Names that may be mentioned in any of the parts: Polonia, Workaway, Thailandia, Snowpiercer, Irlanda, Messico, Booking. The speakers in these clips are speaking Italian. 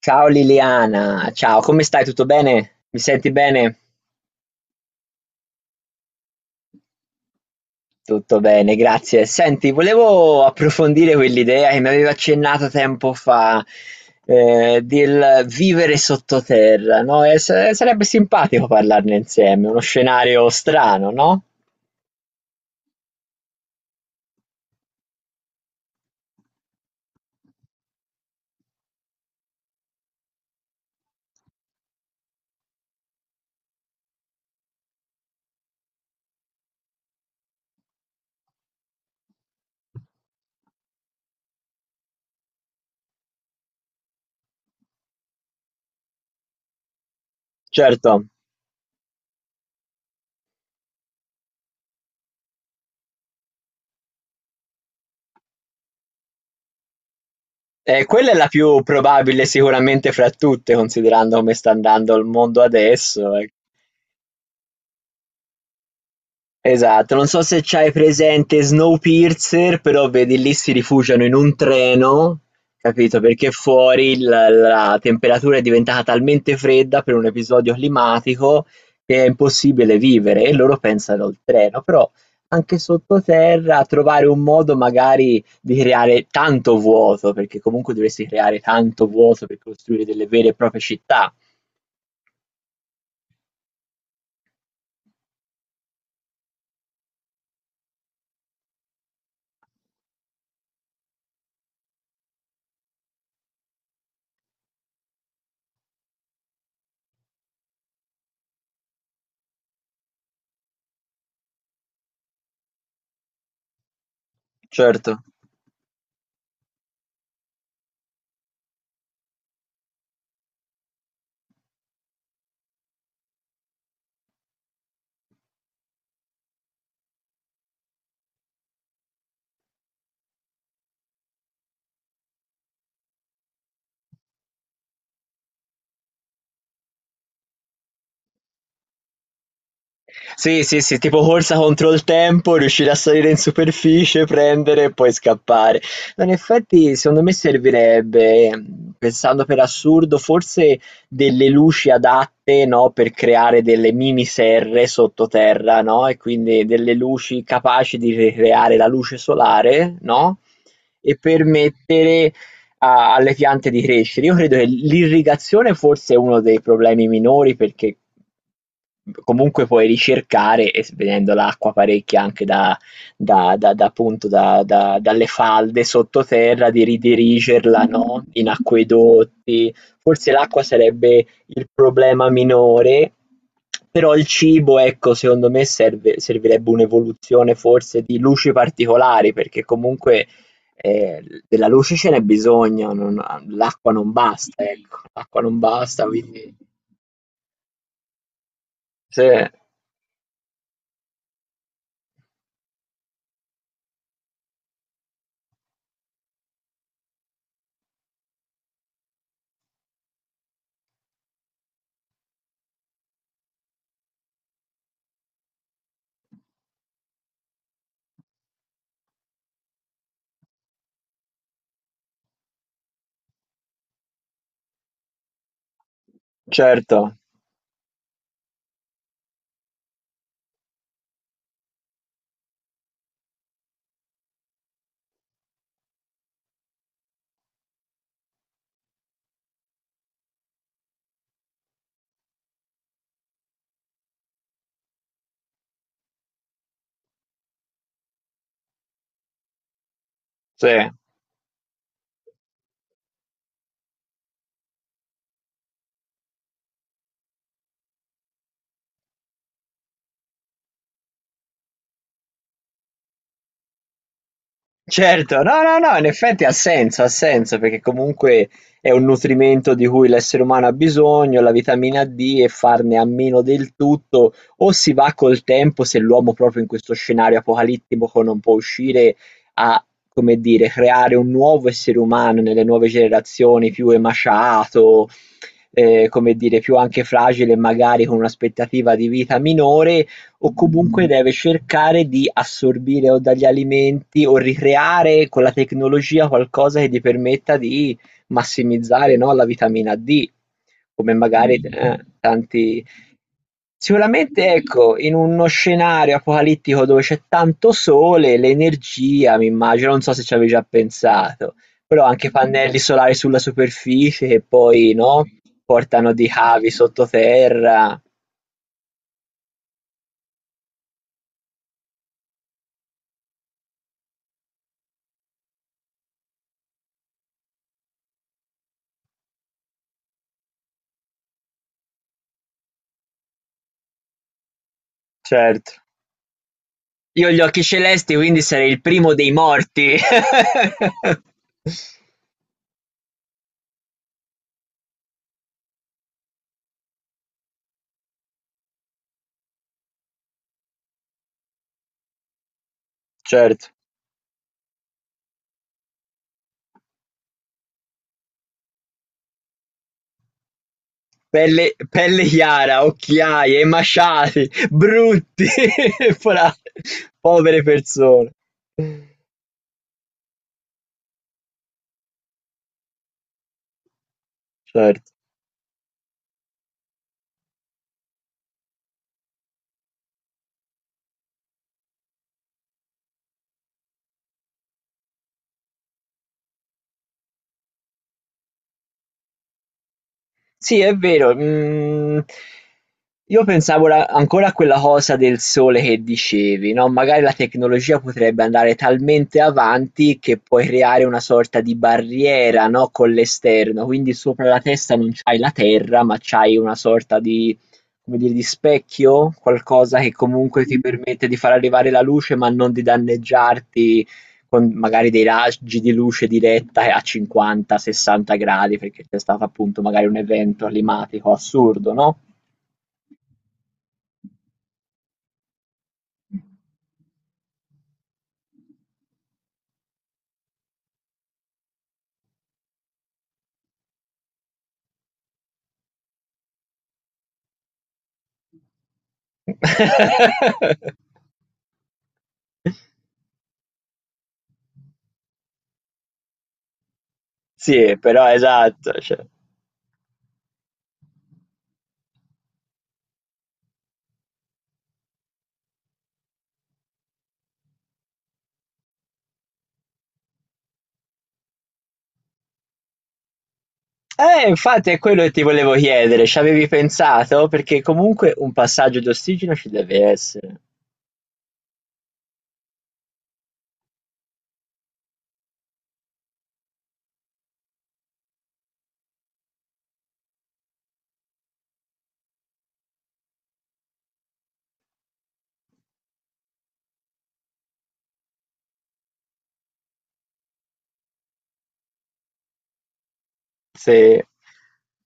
Ciao Liliana, ciao, come stai? Tutto bene? Mi senti bene? Tutto bene, grazie. Senti, volevo approfondire quell'idea che mi avevi accennato tempo fa, del vivere sottoterra, no? Sarebbe simpatico parlarne insieme, uno scenario strano, no? Certo. Quella è la più probabile sicuramente fra tutte, considerando come sta andando il mondo adesso, ecco. Esatto, non so se c'hai presente Snowpiercer, però vedi lì si rifugiano in un treno, capito, perché fuori l la temperatura è diventata talmente fredda per un episodio climatico che è impossibile vivere e loro pensano al treno, però anche sottoterra trovare un modo magari di creare tanto vuoto, perché comunque dovresti creare tanto vuoto per costruire delle vere e proprie città. Certo. Sì, sì, sì, tipo corsa contro il tempo, riuscire a salire in superficie, prendere e poi scappare. No, in effetti, secondo me servirebbe, pensando per assurdo, forse delle luci adatte, no, per creare delle mini serre sottoterra, no? E quindi delle luci capaci di ricreare la luce solare, no? E permettere alle piante di crescere. Io credo che l'irrigazione forse è uno dei problemi minori perché comunque puoi ricercare vedendo l'acqua parecchia anche da, appunto dalle falde sottoterra di ridirigerla, no? In acquedotti. Forse l'acqua sarebbe il problema minore. Però il cibo, ecco, secondo me servirebbe un'evoluzione forse di luci particolari, perché comunque eh, della luce ce n'è bisogno, non l'acqua non basta, ecco, l'acqua non basta, quindi... Sì, certo, sì, certo, no, no, no, in effetti ha senso, perché comunque è un nutrimento di cui l'essere umano ha bisogno, la vitamina D, e farne a meno del tutto, o si va col tempo, se l'uomo proprio in questo scenario apocalittico non può uscire, a, come dire, creare un nuovo essere umano nelle nuove generazioni più emaciato, come dire, più anche fragile, magari con un'aspettativa di vita minore, o comunque deve cercare di assorbire o dagli alimenti o ricreare con la tecnologia qualcosa che gli permetta di massimizzare, no, la vitamina D, come magari tanti. Sicuramente ecco, in uno scenario apocalittico dove c'è tanto sole, l'energia m'immagino, non so se ci avevi già pensato, però anche pannelli solari sulla superficie che poi, no, portano di cavi sottoterra. Certo, io ho gli occhi celesti, quindi sarei il primo dei morti. Certo. Pelle, pelle chiara, occhiaie, emaciati, brutti, fra- povere persone. Certo. Sì, è vero, mhmm, io pensavo la ancora a quella cosa del sole che dicevi, no, magari la tecnologia potrebbe andare talmente avanti che puoi creare una sorta di barriera, no, con l'esterno, quindi sopra la testa non c'hai la terra, ma c'hai una sorta di come dire, di specchio? Qualcosa che comunque ti permette di far arrivare la luce, ma non di danneggiarti con magari dei raggi di luce diretta a 50-60 gradi, perché c'è stato appunto magari un evento climatico assurdo, no? Sì, però esatto, cioè. Infatti è quello che ti volevo chiedere, ci avevi pensato? Perché comunque un passaggio di ossigeno ci deve essere. Sì.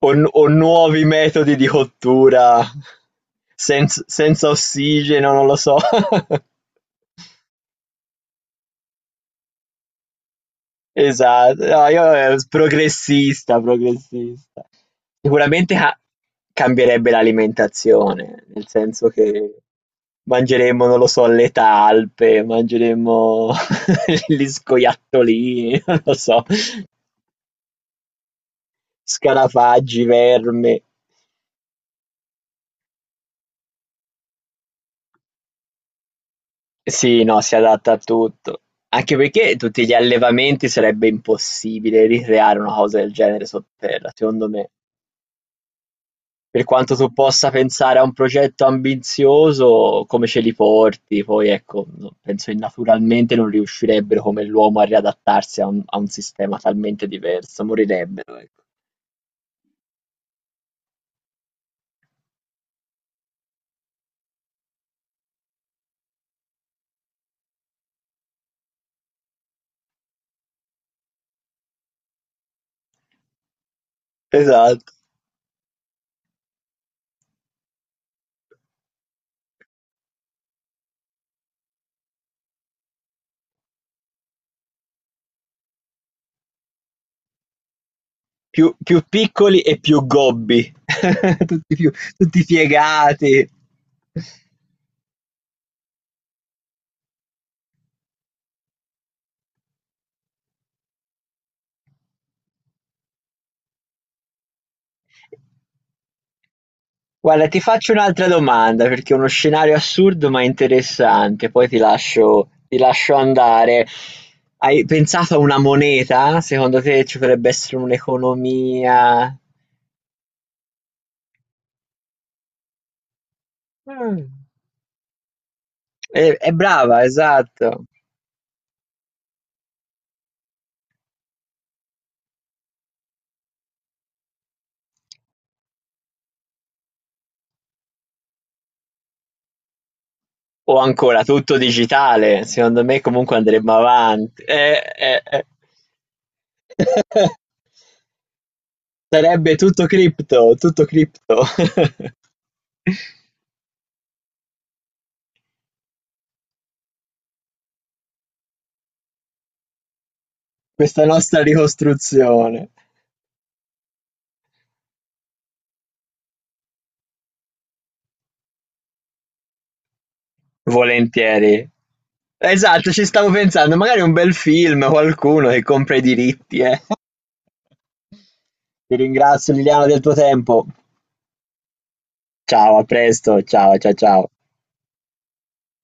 O, o nuovi metodi di cottura senza ossigeno, non lo so. Esatto, no, io progressista, progressista. Sicuramente ca- Cambierebbe l'alimentazione, nel senso che mangeremmo, non lo so, le talpe, mangeremmo gli scoiattolini, non lo so, scarafaggi, verme. Sì, no, si adatta a tutto. Anche perché tutti gli allevamenti sarebbe impossibile ricreare una cosa del genere sotterra, secondo me. Per quanto tu possa pensare a un progetto ambizioso, come ce li porti? Poi ecco, no- penso che naturalmente non riuscirebbero come l'uomo a riadattarsi a un sistema talmente diverso, morirebbero, ecco. Esatto. Più, più piccoli e più gobbi, tutti, più, tutti piegati. Guarda, ti faccio un'altra domanda perché è uno scenario assurdo ma interessante, poi ti lascio andare. Hai pensato a una moneta? Secondo te ci potrebbe essere un'economia? Mm, è brava, esatto. O ancora tutto digitale, secondo me comunque andremo avanti. Eh. Sarebbe tutto cripto, tutto cripto. Questa nostra ricostruzione. Volentieri. Esatto, ci stavo pensando, magari un bel film, qualcuno che compra i diritti, eh. Ti ringrazio Liliana del tuo tempo. Ciao, a presto, ciao, cia ciao.